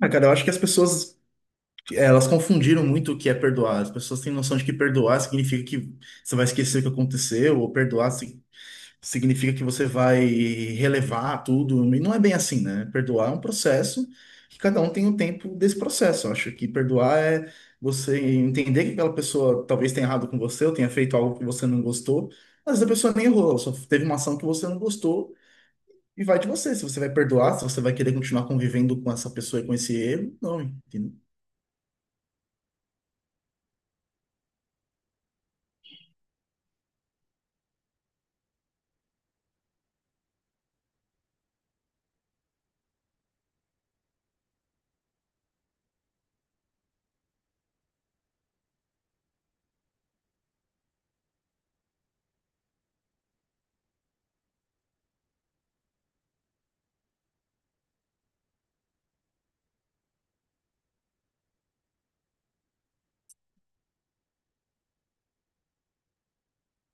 Ah, cara, eu acho que as pessoas, elas confundiram muito o que é perdoar. As pessoas têm noção de que perdoar significa que você vai esquecer o que aconteceu, ou significa que você vai relevar tudo. E não é bem assim, né? Perdoar é um processo que cada um tem um tempo desse processo. Eu acho que perdoar é você entender que aquela pessoa talvez tenha errado com você, ou tenha feito algo que você não gostou. Às vezes a pessoa nem errou, ela só teve uma ação que você não gostou. E vai de você, se você vai perdoar, se você vai querer continuar convivendo com essa pessoa e com esse erro, não, entendeu?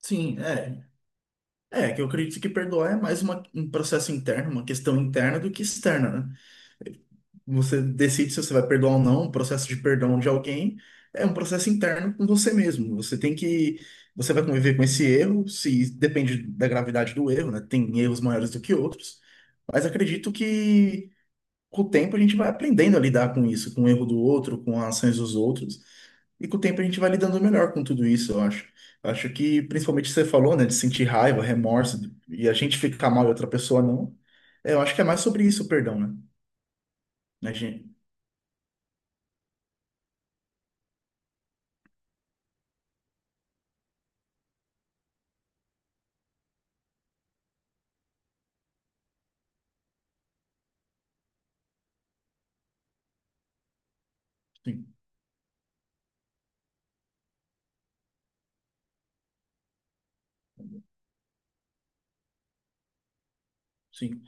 Sim, é. É, que eu acredito que perdoar é mais um processo interno, uma questão interna do que externa, né? Você decide se você vai perdoar ou não, o processo de perdão de alguém é um processo interno com você mesmo. Você tem que, você vai conviver com esse erro, se depende da gravidade do erro, né? Tem erros maiores do que outros, mas acredito que com o tempo a gente vai aprendendo a lidar com isso, com o erro do outro, com as ações dos outros. E com o tempo a gente vai lidando melhor com tudo isso, eu acho. Acho que, principalmente você falou, né, de sentir raiva, remorso, e a gente ficar mal e outra pessoa não. É, eu acho que é mais sobre isso o perdão, né? A gente, sim, sim,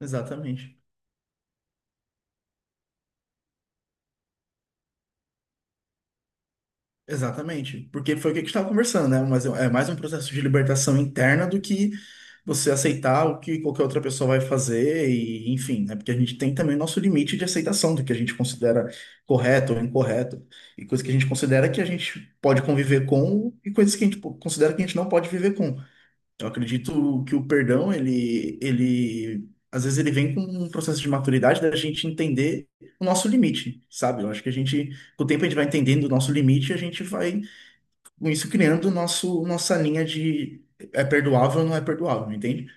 exatamente. Exatamente. Porque foi o que a gente estava conversando, né? Mas é mais um processo de libertação interna do que você aceitar o que qualquer outra pessoa vai fazer e, enfim, né? Porque a gente tem também o nosso limite de aceitação do que a gente considera correto ou incorreto e coisas que a gente considera que a gente pode conviver com e coisas que a considera que a gente não pode viver com. Eu acredito que o perdão, ele às vezes ele vem com um processo de maturidade da gente entender o nosso limite, sabe? Eu acho que a gente, com o tempo a gente vai entendendo o nosso limite, e a gente vai com isso criando o nosso nossa linha de é perdoável ou não é perdoável, entende?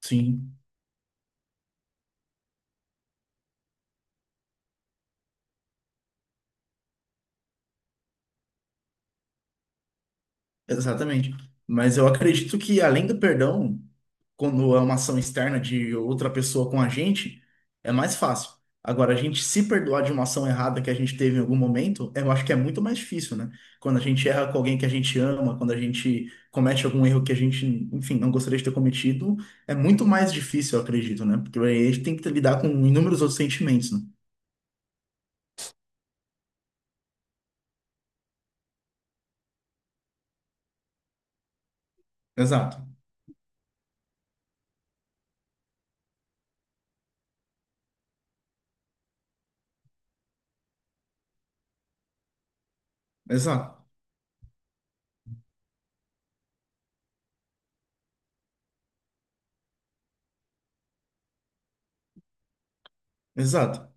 Sim, exatamente. Mas eu acredito que além do perdão, quando é uma ação externa de outra pessoa com a gente, é mais fácil. Agora, a gente se perdoar de uma ação errada que a gente teve em algum momento, eu acho que é muito mais difícil, né? Quando a gente erra com alguém que a gente ama, quando a gente comete algum erro que a gente, enfim, não gostaria de ter cometido, é muito mais difícil, eu acredito, né? Porque aí a gente tem que lidar com inúmeros outros sentimentos, né? Exato, exato, exato.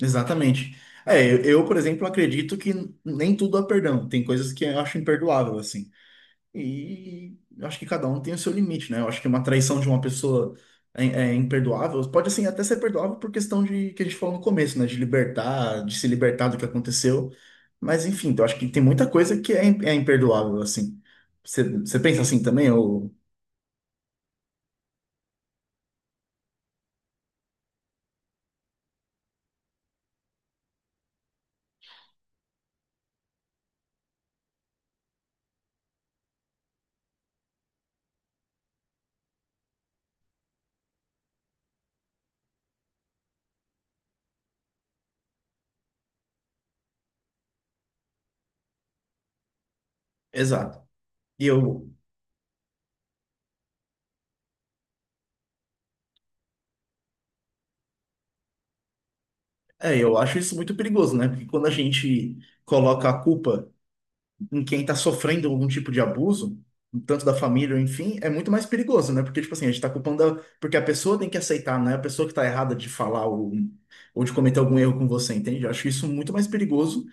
Exatamente. É, por exemplo, acredito que nem tudo há perdão. Tem coisas que eu acho imperdoável, assim. E eu acho que cada um tem o seu limite, né? Eu acho que uma traição de uma pessoa é imperdoável. Pode, assim, até ser perdoável por questão de que a gente falou no começo, né? De libertar, de se libertar do que aconteceu. Mas, enfim, eu acho que tem muita coisa que é imperdoável, assim. Você pensa assim também? Ou... exato. E eu, é, eu acho isso muito perigoso, né? Porque quando a gente coloca a culpa em quem está sofrendo algum tipo de abuso, tanto da família, ou enfim, é muito mais perigoso, né? Porque, tipo assim, a gente está culpando. Porque a pessoa tem que aceitar, não é a pessoa que está errada de falar ou de cometer algum erro com você, entende? Eu acho isso muito mais perigoso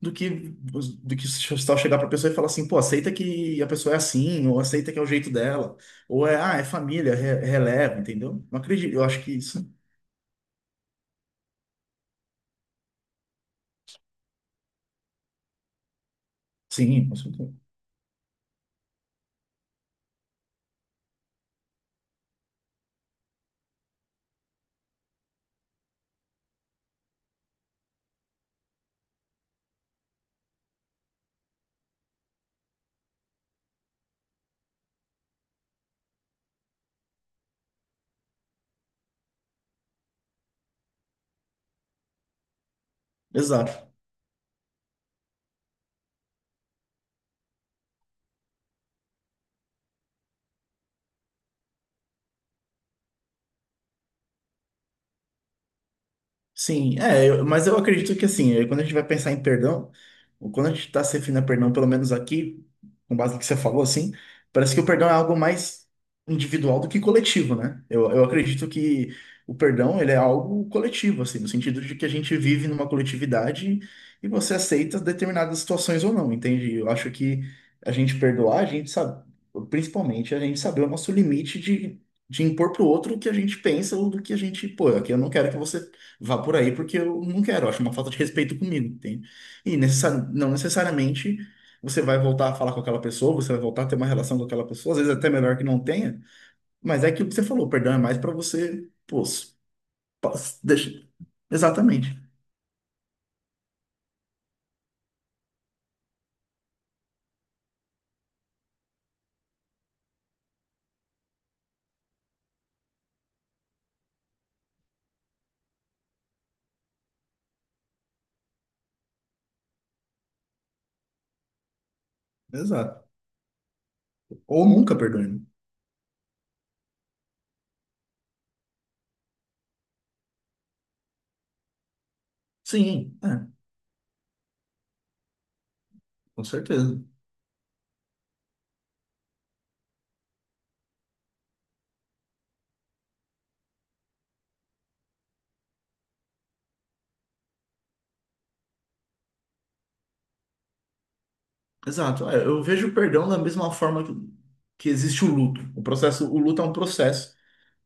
do que só chegar para a pessoa e falar assim, pô, aceita que a pessoa é assim, ou aceita que é o jeito dela, ou é, ah, é família, releva, entendeu? Não acredito, eu acho que isso. Sim, com certeza. Exato. Sim, é, mas eu acredito que assim, eh, quando a gente vai pensar em perdão, ou quando a gente está se referindo a perdão, pelo menos aqui, com base no que você falou, assim, parece que o perdão é algo mais individual do que coletivo, né? Eu acredito que o perdão, ele é algo coletivo, assim, no sentido de que a gente vive numa coletividade e você aceita determinadas situações ou não, entende? Eu acho que a gente perdoar, a gente sabe, principalmente a gente saber o nosso limite de impor pro outro o que a gente pensa ou do que a gente, pô, aqui eu não quero que você vá por aí porque eu não quero, eu acho uma falta de respeito comigo, entende? E não necessariamente você vai voltar a falar com aquela pessoa, você vai voltar a ter uma relação com aquela pessoa, às vezes até melhor que não tenha, mas é aquilo que você falou, perdão é mais para você, pô, deixa. Exatamente, exato. Ou nunca perdoe, né? Sim, é, com certeza. Exato. É, eu vejo o perdão da mesma forma que existe o luto. O processo, o luto é um processo.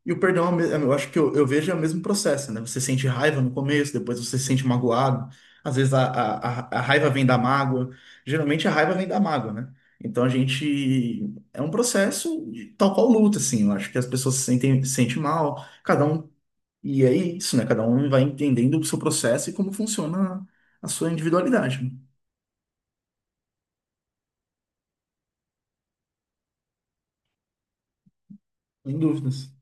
E o perdão, é eu acho que eu vejo é o mesmo processo, né? Você sente raiva no começo, depois você se sente magoado. Às vezes a raiva vem da mágoa. Geralmente a raiva vem da mágoa, né? Então a gente. É um processo tal qual luta, assim. Eu acho que as pessoas se sentem mal, cada um. E é isso, né? Cada um vai entendendo o seu processo e como funciona a sua individualidade, né? Sem dúvidas.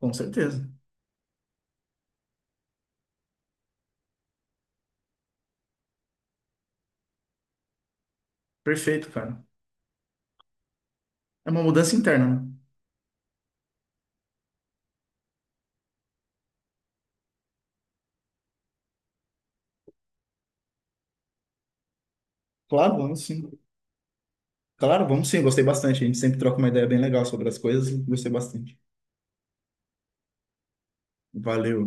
Com certeza. Perfeito, cara. É uma mudança interna, né? Claro, claro, sim. Claro, vamos sim, gostei bastante. A gente sempre troca uma ideia bem legal sobre as coisas, gostei bastante. Valeu.